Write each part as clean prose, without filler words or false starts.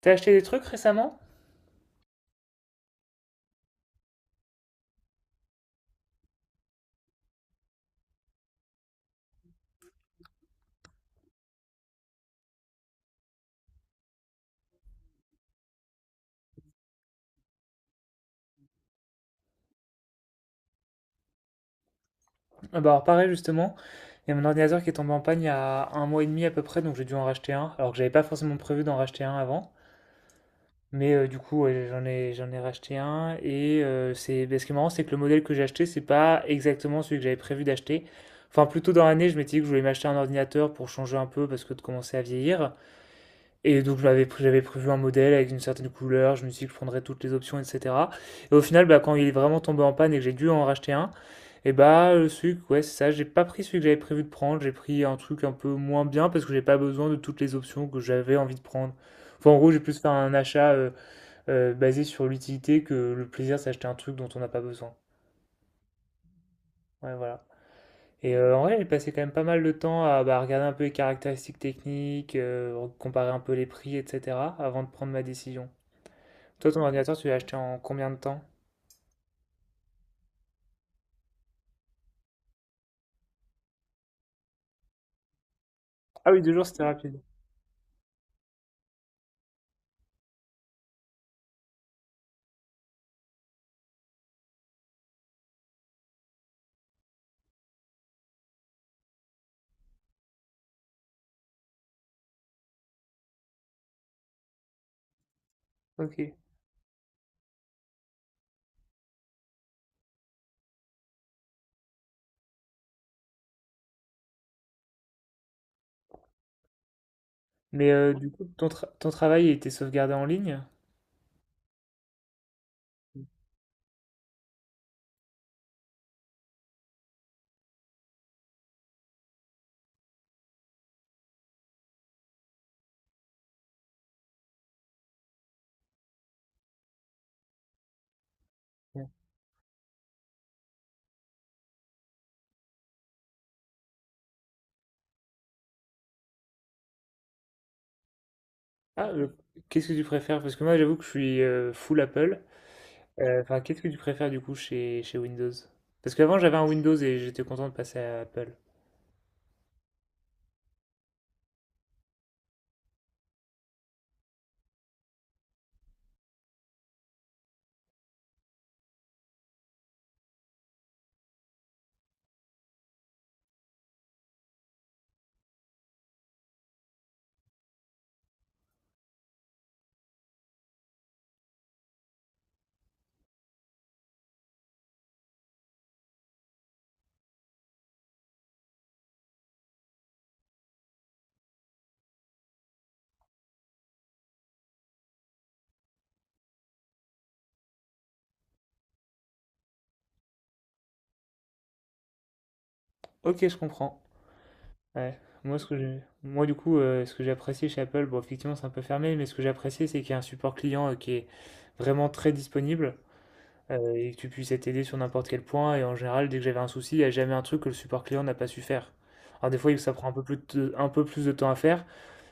T'as acheté des trucs récemment? Ah, bah alors pareil justement, il y a mon ordinateur qui est tombé en panne il y a un mois et demi à peu près, donc j'ai dû en racheter un, alors que j'avais pas forcément prévu d'en racheter un avant. Mais du coup ouais, j'en ai racheté un et ce qui est marrant c'est que le modèle que j'ai acheté c'est pas exactement celui que j'avais prévu d'acheter. Enfin plutôt dans l'année je m'étais dit que je voulais m'acheter un ordinateur pour changer un peu parce que de commencer à vieillir. Et donc j'avais prévu un modèle avec une certaine couleur, je me suis dit que je prendrais toutes les options, etc. Et au final, bah, quand il est vraiment tombé en panne et que j'ai dû en racheter un, celui, ouais, c'est ça, j'ai pas pris celui que j'avais prévu de prendre, j'ai pris un truc un peu moins bien parce que j'ai pas besoin de toutes les options que j'avais envie de prendre. Enfin, en gros, j'ai plus fait un achat basé sur l'utilité que le plaisir d'acheter un truc dont on n'a pas besoin. Ouais, voilà. Et en vrai, j'ai passé quand même pas mal de temps à bah, regarder un peu les caractéristiques techniques, comparer un peu les prix, etc., avant de prendre ma décision. Toi, ton ordinateur, tu l'as acheté en combien de temps? Ah oui, deux jours, c'était rapide. Ok. Mais du coup, ton travail il était sauvegardé en ligne? Ouais. Ah, qu'est-ce que tu préfères? Parce que moi, j'avoue que je suis full Apple. Enfin, qu'est-ce que tu préfères du coup chez, chez Windows? Parce qu'avant, j'avais un Windows et j'étais content de passer à Apple. Ok, je comprends. Ouais. Moi, du coup, ce que j'ai apprécié chez Apple, bon, effectivement, c'est un peu fermé, mais ce que j'ai apprécié, c'est qu'il y a un support client qui est vraiment très disponible. Et que tu puisses être aidé sur n'importe quel point. Et en général, dès que j'avais un souci, il n'y a jamais un truc que le support client n'a pas su faire. Alors des fois, ça prend un peu plus de temps à faire,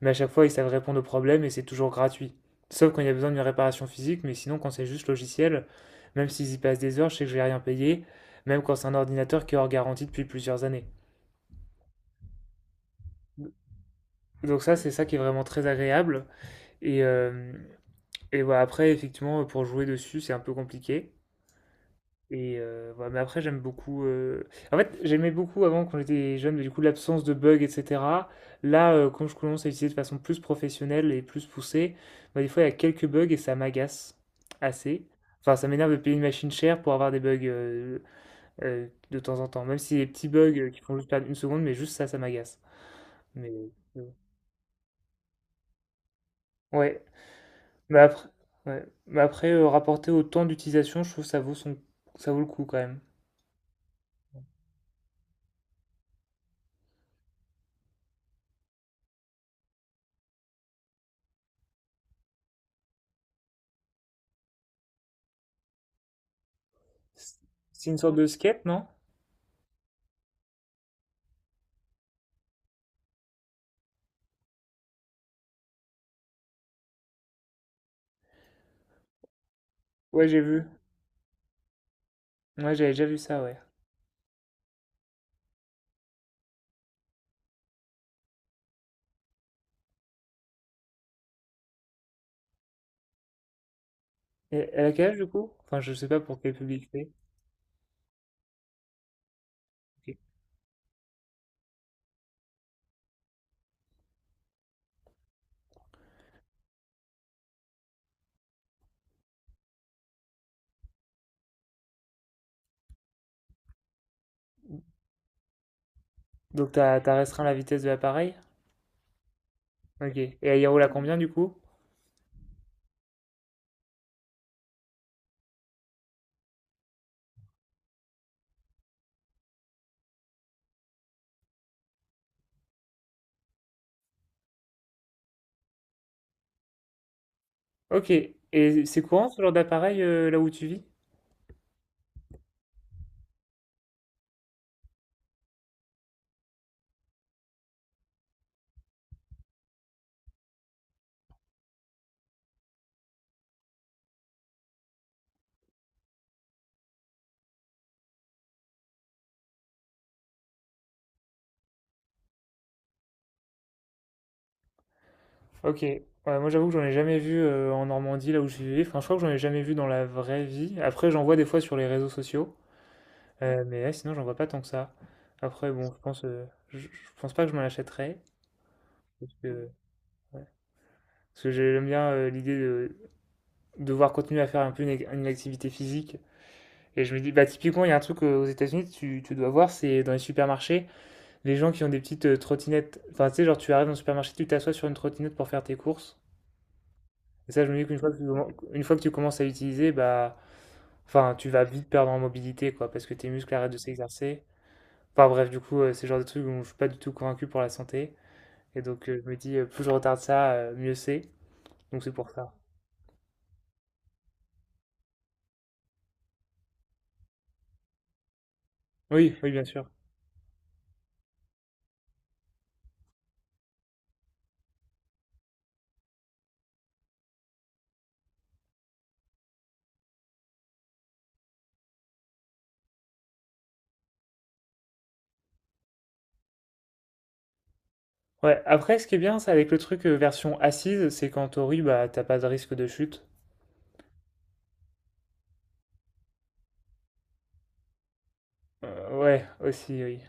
mais à chaque fois, ils savent répondre aux problèmes et c'est toujours gratuit. Sauf quand il y a besoin d'une réparation physique, mais sinon, quand c'est juste logiciel, même s'ils y passent des heures, je sais que je vais rien payer, même quand c'est un ordinateur qui est hors garantie depuis plusieurs années. Donc ça, c'est ça qui est vraiment très agréable. Et, euh, et voilà, après, effectivement, pour jouer dessus, c'est un peu compliqué. Et ouais, mais après, j'aime beaucoup. En fait, j'aimais beaucoup avant quand j'étais jeune, mais du coup, l'absence de bugs, etc. Là, quand je commence à utiliser de façon plus professionnelle et plus poussée, bah, des fois, il y a quelques bugs et ça m'agace assez. Enfin, ça m'énerve de payer une machine chère pour avoir des bugs de temps en temps. Même si des petits bugs qui font juste perdre une seconde, mais juste ça, ça m'agace. Mais ouais, mais après, ouais. Mais après rapporté au temps d'utilisation, je trouve que ça vaut le coup quand même. C'est une sorte de skate, non? Ouais, j'ai vu. Ouais, j'avais déjà vu ça, ouais. Et elle a quel âge du coup? Enfin, je sais pas pour quel public c'est. Ok. Donc t'as restreint la vitesse de l'appareil? Ok. Et elle y roule à combien du coup? Ok. Et c'est courant ce genre d'appareil là où tu vis? Ok. Ouais, moi j'avoue que j'en ai jamais vu en Normandie là où je vivais. Enfin, je crois que j'en ai jamais vu dans la vraie vie. Après, j'en vois des fois sur les réseaux sociaux. Mais ouais, sinon, j'en vois pas tant que ça. Après, bon, je pense pas que je m'en achèterais. Parce que, ouais. Parce que j'aime bien l'idée de devoir continuer à faire un peu une activité physique. Et je me dis, bah, typiquement, il y a un truc aux États-Unis, tu dois voir, c'est dans les supermarchés, les gens qui ont des petites trottinettes. Enfin, tu sais, genre, tu arrives dans le supermarché, tu t'assois sur une trottinette pour faire tes courses. Et ça, je me dis qu'une fois que tu, commen- une fois que tu commences à l'utiliser, bah, enfin, tu vas vite perdre en mobilité, quoi, parce que tes muscles arrêtent de s'exercer. Enfin, bref, du coup, c'est le genre de truc où je suis pas du tout convaincu pour la santé. Et donc, je me dis, plus je retarde ça, mieux c'est. Donc, c'est pour ça. Oui, oui, bien sûr. Ouais, après, ce qui est bien, c'est avec le truc version assise, c'est qu'en théorie, bah, t'as pas de risque de chute. Ouais, aussi, oui.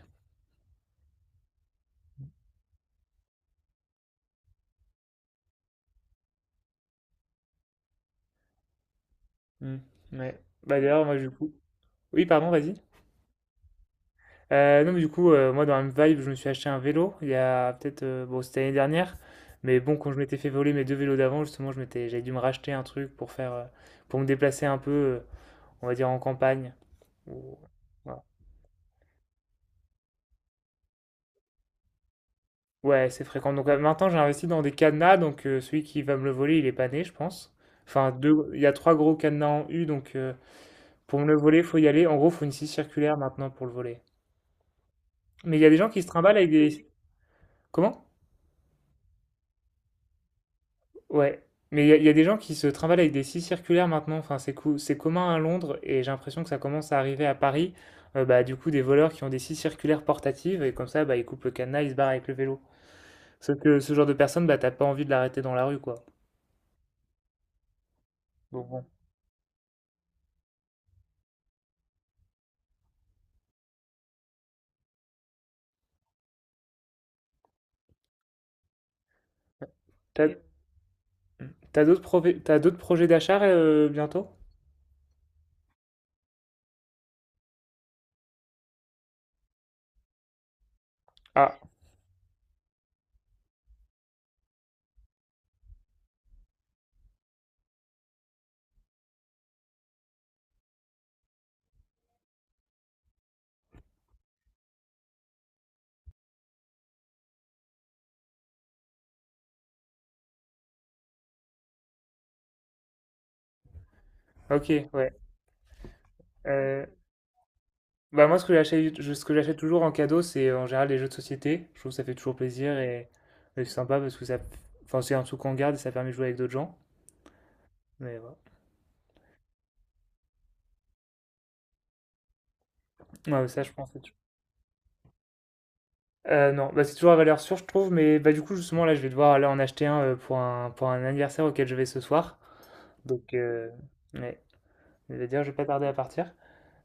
Hmm, ouais. Bah d'ailleurs, moi du coup. Oui, pardon, vas-y. Non, mais du coup, moi dans la même vibe, je me suis acheté un vélo il y a peut-être. Bon, c'était l'année dernière. Mais bon, quand je m'étais fait voler mes deux vélos d'avant, justement, j'avais dû me racheter un truc pour faire. Pour me déplacer un peu, on va dire, en campagne. Ou- voilà. Ouais, c'est fréquent. Donc maintenant, j'ai investi dans des cadenas. Donc celui qui va me le voler, il est pas né, je pense. Il y a trois gros cadenas en U. Donc pour me le voler, il faut y aller. En gros, il faut une scie circulaire maintenant pour le voler. Mais il y a des gens qui se trimballent avec des... Comment? Ouais. Mais il y a des gens qui se trimballent avec des scies circulaires maintenant. Enfin, c'est commun à Londres et j'ai l'impression que ça commence à arriver à Paris. Bah, du coup, des voleurs qui ont des scies circulaires portatives et comme ça, bah, ils coupent le cadenas, ils se barrent avec le vélo. Sauf que ce genre de personne, bah, t'as pas envie de l'arrêter dans la rue, quoi. Donc bon. T'as t'as d'autres projets d'achat bientôt? Ah, ok, ouais. Euh, Bah moi, ce que j'achète toujours en cadeau, c'est en général les jeux de société. Je trouve que ça fait toujours plaisir et c'est sympa parce que ça, enfin, c'est un truc qu'on garde et ça permet de jouer avec d'autres gens. Mais voilà. Ouais, ça, je pense. C'est tou- non, bah, c'est toujours à valeur sûre, je trouve. Mais bah, du coup, justement, là, je vais devoir aller en acheter un pour pour un anniversaire auquel je vais ce soir. Donc, ouais, je vais dire, je vais pas tarder à partir.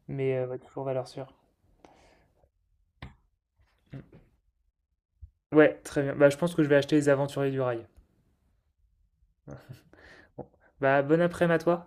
Mais ouais, toujours valeur sûre. Mm. Ouais, très bien. Bah, je pense que je vais acheter les Aventuriers du Rail. Bon. Bah, bon après-midi à toi.